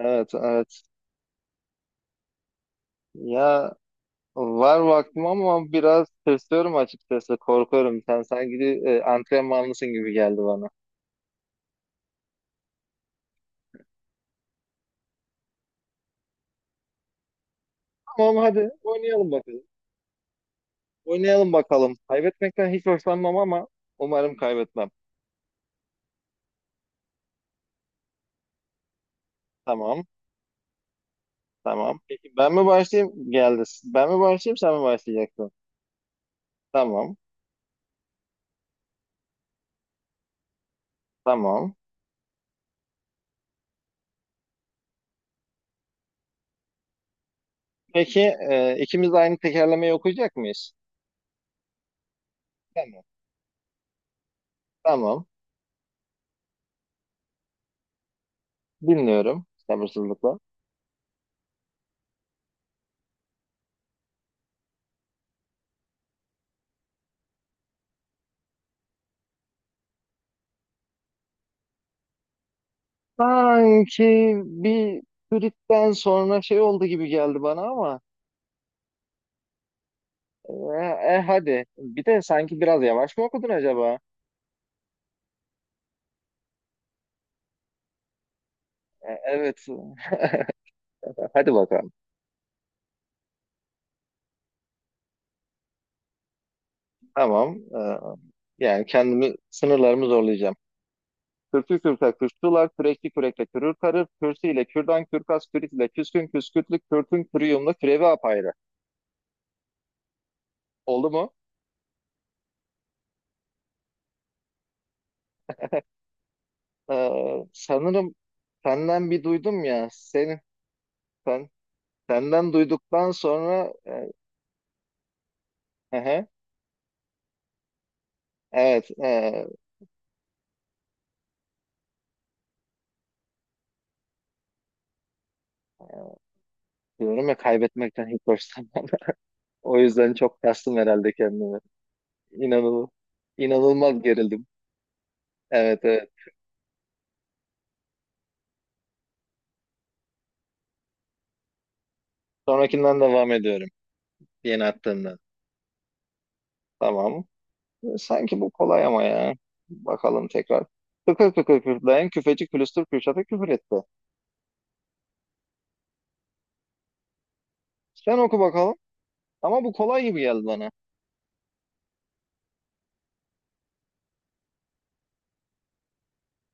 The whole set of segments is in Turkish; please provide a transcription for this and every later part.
Evet, evet. Ya var vaktim ama biraz tırsıyorum açıkçası. Korkuyorum. Sen sanki antrenmanlısın gibi geldi bana. Tamam, hadi oynayalım bakalım. Oynayalım bakalım. Kaybetmekten hiç hoşlanmam ama umarım kaybetmem. Tamam, tamam. Peki ben mi başlayayım? Geldi. Ben mi başlayayım, sen mi başlayacaksın? Tamam, tamam. Peki ikimiz de aynı tekerlemeyi okuyacak mıyız? Tamam, tamam. Dinliyorum sabırsızlıkla. Sanki bir Frit'ten sonra şey oldu gibi geldi bana ama e, hadi. Bir de sanki biraz yavaş mı okudun acaba? E, evet. Hadi bakalım. Tamam. Yani kendimi sınırlarımı zorlayacağım. Kürkü kürka kürkçüler, kürekli kürekle kürür karır, kürsü ile kürdan, kürkas, kürit ile küskün, küskürtlü, kürtün, kürüyumlu, kürevi apayrı. Oldu mu? E, sanırım senden bir duydum ya. Sen, senden duyduktan sonra hı hı. Evet, diyorum ya kaybetmekten hiç hoşlanmam. O yüzden çok kastım herhalde kendimi. İnanılmaz, inanılmaz gerildim. Evet, evet. Sonrakinden devam ediyorum. Yeni attığından. Tamam. Sanki bu kolay ama ya. Bakalım tekrar. Tıkır tıkır kürtleyen küfeci külüstür Kürşat'a küfür etti. Sen oku bakalım. Ama bu kolay gibi geldi bana.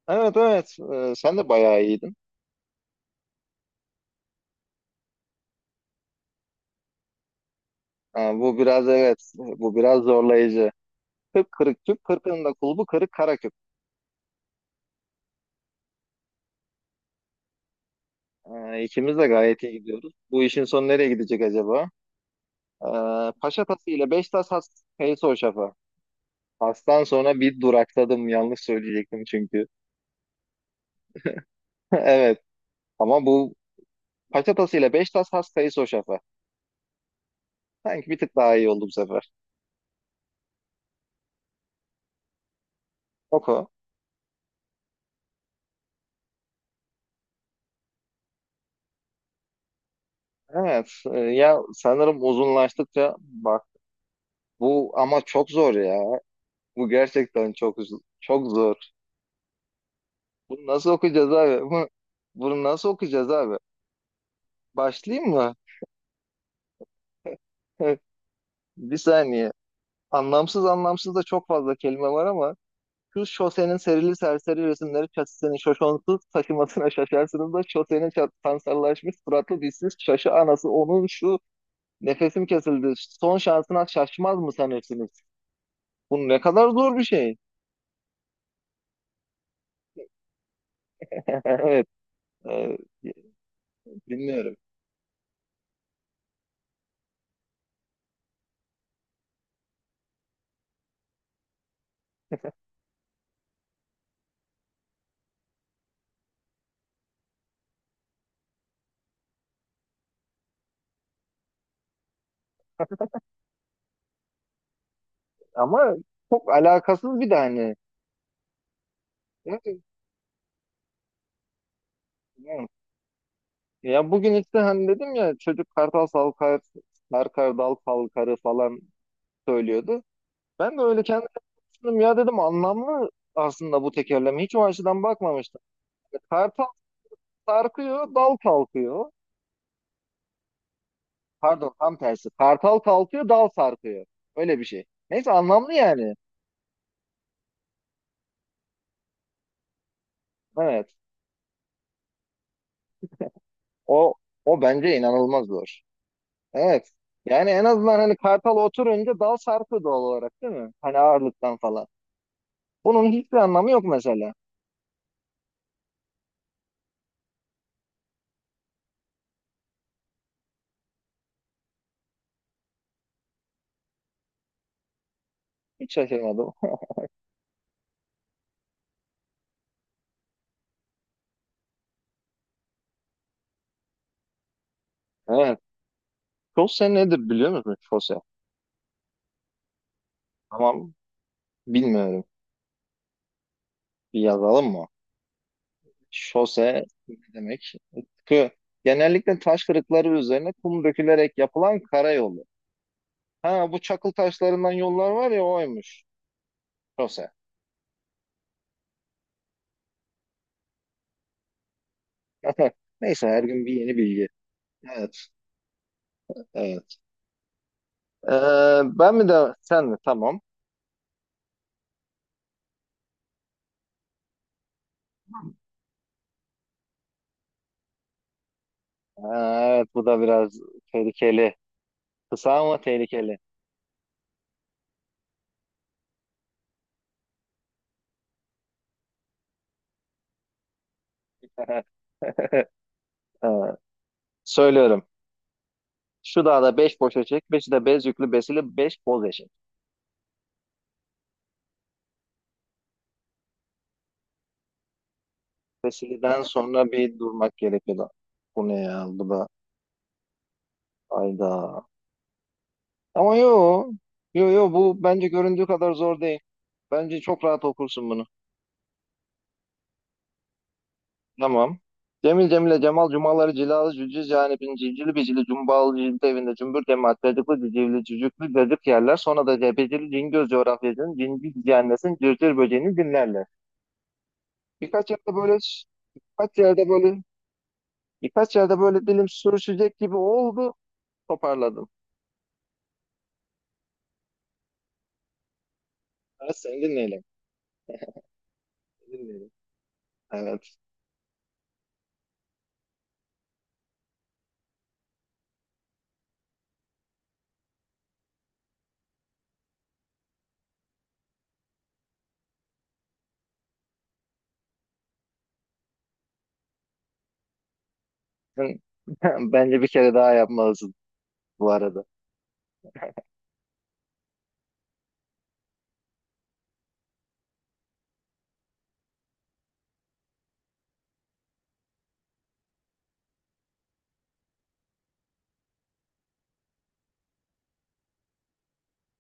Evet, evet. Sen de bayağı iyiydin. Ha, bu biraz evet. Bu biraz zorlayıcı. Kırk kırık tüp, kırkının da kulbu kırık kara küp. İkimiz de gayet iyi gidiyoruz. Bu işin sonu nereye gidecek acaba? Paşa Tası ile Beşiktaş Has Kayısı Hoşaf'a. Has'tan sonra bir durakladım. Yanlış söyleyecektim çünkü. Evet. Ama bu Paşa Tası ile Beşiktaş Has Kayısı Hoşaf'a. Sanki bir tık daha iyi oldu bu sefer. Oku. Evet. Ya sanırım uzunlaştıkça bak bu ama çok zor ya. Bu gerçekten çok zor. Bunu nasıl okuyacağız abi? Bunu nasıl okuyacağız abi? Başlayayım mı? Bir saniye. Anlamsız anlamsız da çok fazla kelime var ama şu şosenin serili serseri resimleri çatısının şoşonsuz taşımasına şaşarsınız da şosenin sansarlaşmış suratlı dişsiz şaşı anası onun şu nefesim kesildi son şansına şaşmaz mı sanırsınız? Bu ne kadar zor bir şey. Evet, e, bilmiyorum ama çok alakasız bir de hani. Evet, evet. Ya bugün işte hani dedim ya çocuk sarkar dal falkarı falan söylüyordu. Ben de öyle kendime düşündüm ya, dedim anlamlı aslında bu tekerleme. Hiç o açıdan bakmamıştım. Kartal sarkıyor, dal kalkıyor. Pardon tam tersi. Kartal kalkıyor, dal sarkıyor. Öyle bir şey. Neyse, anlamlı yani. Evet. O o bence inanılmaz zor. Evet. Yani en azından hani kartal oturunca dal sarkıyor doğal olarak değil mi? Hani ağırlıktan falan. Bunun hiçbir anlamı yok mesela. Hiç şaşırmadım. Evet. Chose nedir biliyor musun? Chose. Tamam. Bilmiyorum. Bir yazalım mı? Şose ne demek? Kı. Genellikle taş kırıkları üzerine kum dökülerek yapılan karayolu. Ha, bu çakıl taşlarından yollar var ya, oymuş. Şose. Neyse, her gün bir yeni bilgi. Evet, evet. Ee, ben mi de sen mi? Tamam. Ee, evet, bu da biraz tehlikeli. Kısa ama tehlikeli. Ee, söylüyorum. Şu dağda beş boş eşek, beşi de bez yüklü, besili beş boz eşek. Besiliden sonra bir durmak gerekiyor da. Bu ne ya? Bu da ayda. Ama yo, yo yo bu bence göründüğü kadar zor değil. Bence çok rahat okursun bunu. Tamam. Cemil Cemile Cemal Cumaları Cilalı Cücüz yani bin civcili bicili cumbalı cildi evinde cümbür cemaat cacıklı cicivli cücüklü cacık yerler, sonra da cebecili cingöz coğrafyacının cinci cihannesin cırcır böceğini dinlerler. Birkaç yerde böyle birkaç yerde böyle birkaç yerde böyle dilim sürüşecek gibi oldu, toparladım. Evet, seni dinleyelim. Dinleyelim. Evet. Sen- Bence bir kere daha yapmalısın bu arada.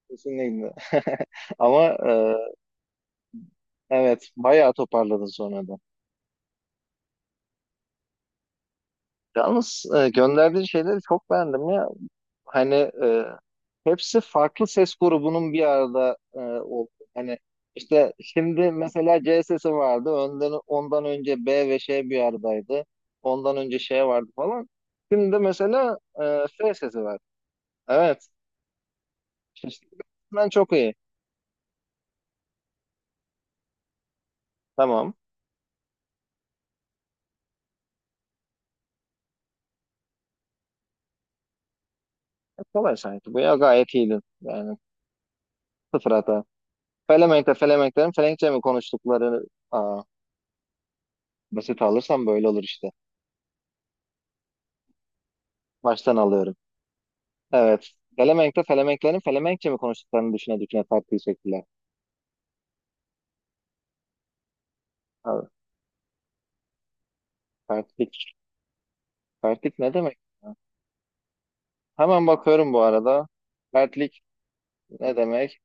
Kesinlikle. Ama evet, bayağı toparladın sonra da. Yalnız gönderdiğin şeyleri çok beğendim ya. Hani e, hepsi farklı ses grubunun bir arada oldu. Hani işte şimdi mesela C sesi vardı. Önden, ondan önce B ve Ş bir aradaydı. Ondan önce Ş vardı falan. Şimdi de mesela F sesi var. Evet. Ben çok iyi. Tamam. E, kolay sanki. Bu ya, gayet iyiydin. Yani sıfır hata. Felemenk'te Felemenklerin Felenkçe mi konuştukları, aa, basit alırsam böyle olur işte. Baştan alıyorum. Evet. Felemenk'te Felemenklerin Felemenkçe mi konuştuklarını düşüne düşüne tartıyı çektiler. Abi, Fertlik. Fertlik ne demek ya? Hemen bakıyorum bu arada. Fertlik ne demek?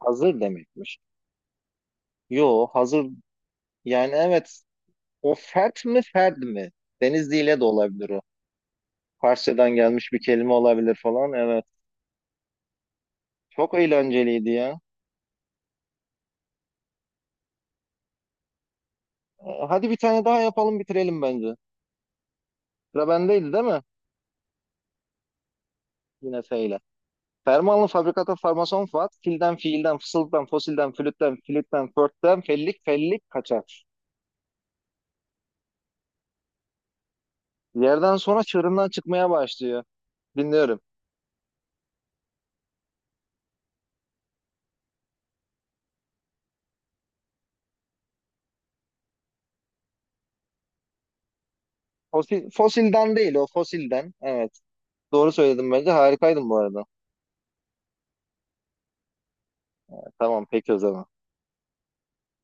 Hazır demekmiş. Yo, hazır yani, evet. O fert mi, ferd mi? Denizli ile de olabilir o. Farsçadan gelmiş bir kelime olabilir falan. Evet. Çok eğlenceliydi ya. Hadi bir tane daha yapalım, bitirelim bence. Sıra bendeydi değil mi? Yine F ile. Fermanlı fabrikata farmason Fuat, filden fiilden, fısıldan, fosilden, flütten, flütten, förtten, fellik, fellik kaçar. Yerden sonra çığırından çıkmaya başlıyor. Dinliyorum. Fosil, fosilden değil o, fosilden. Evet. Doğru söyledim bence. Harikaydın bu arada. Tamam, peki o zaman.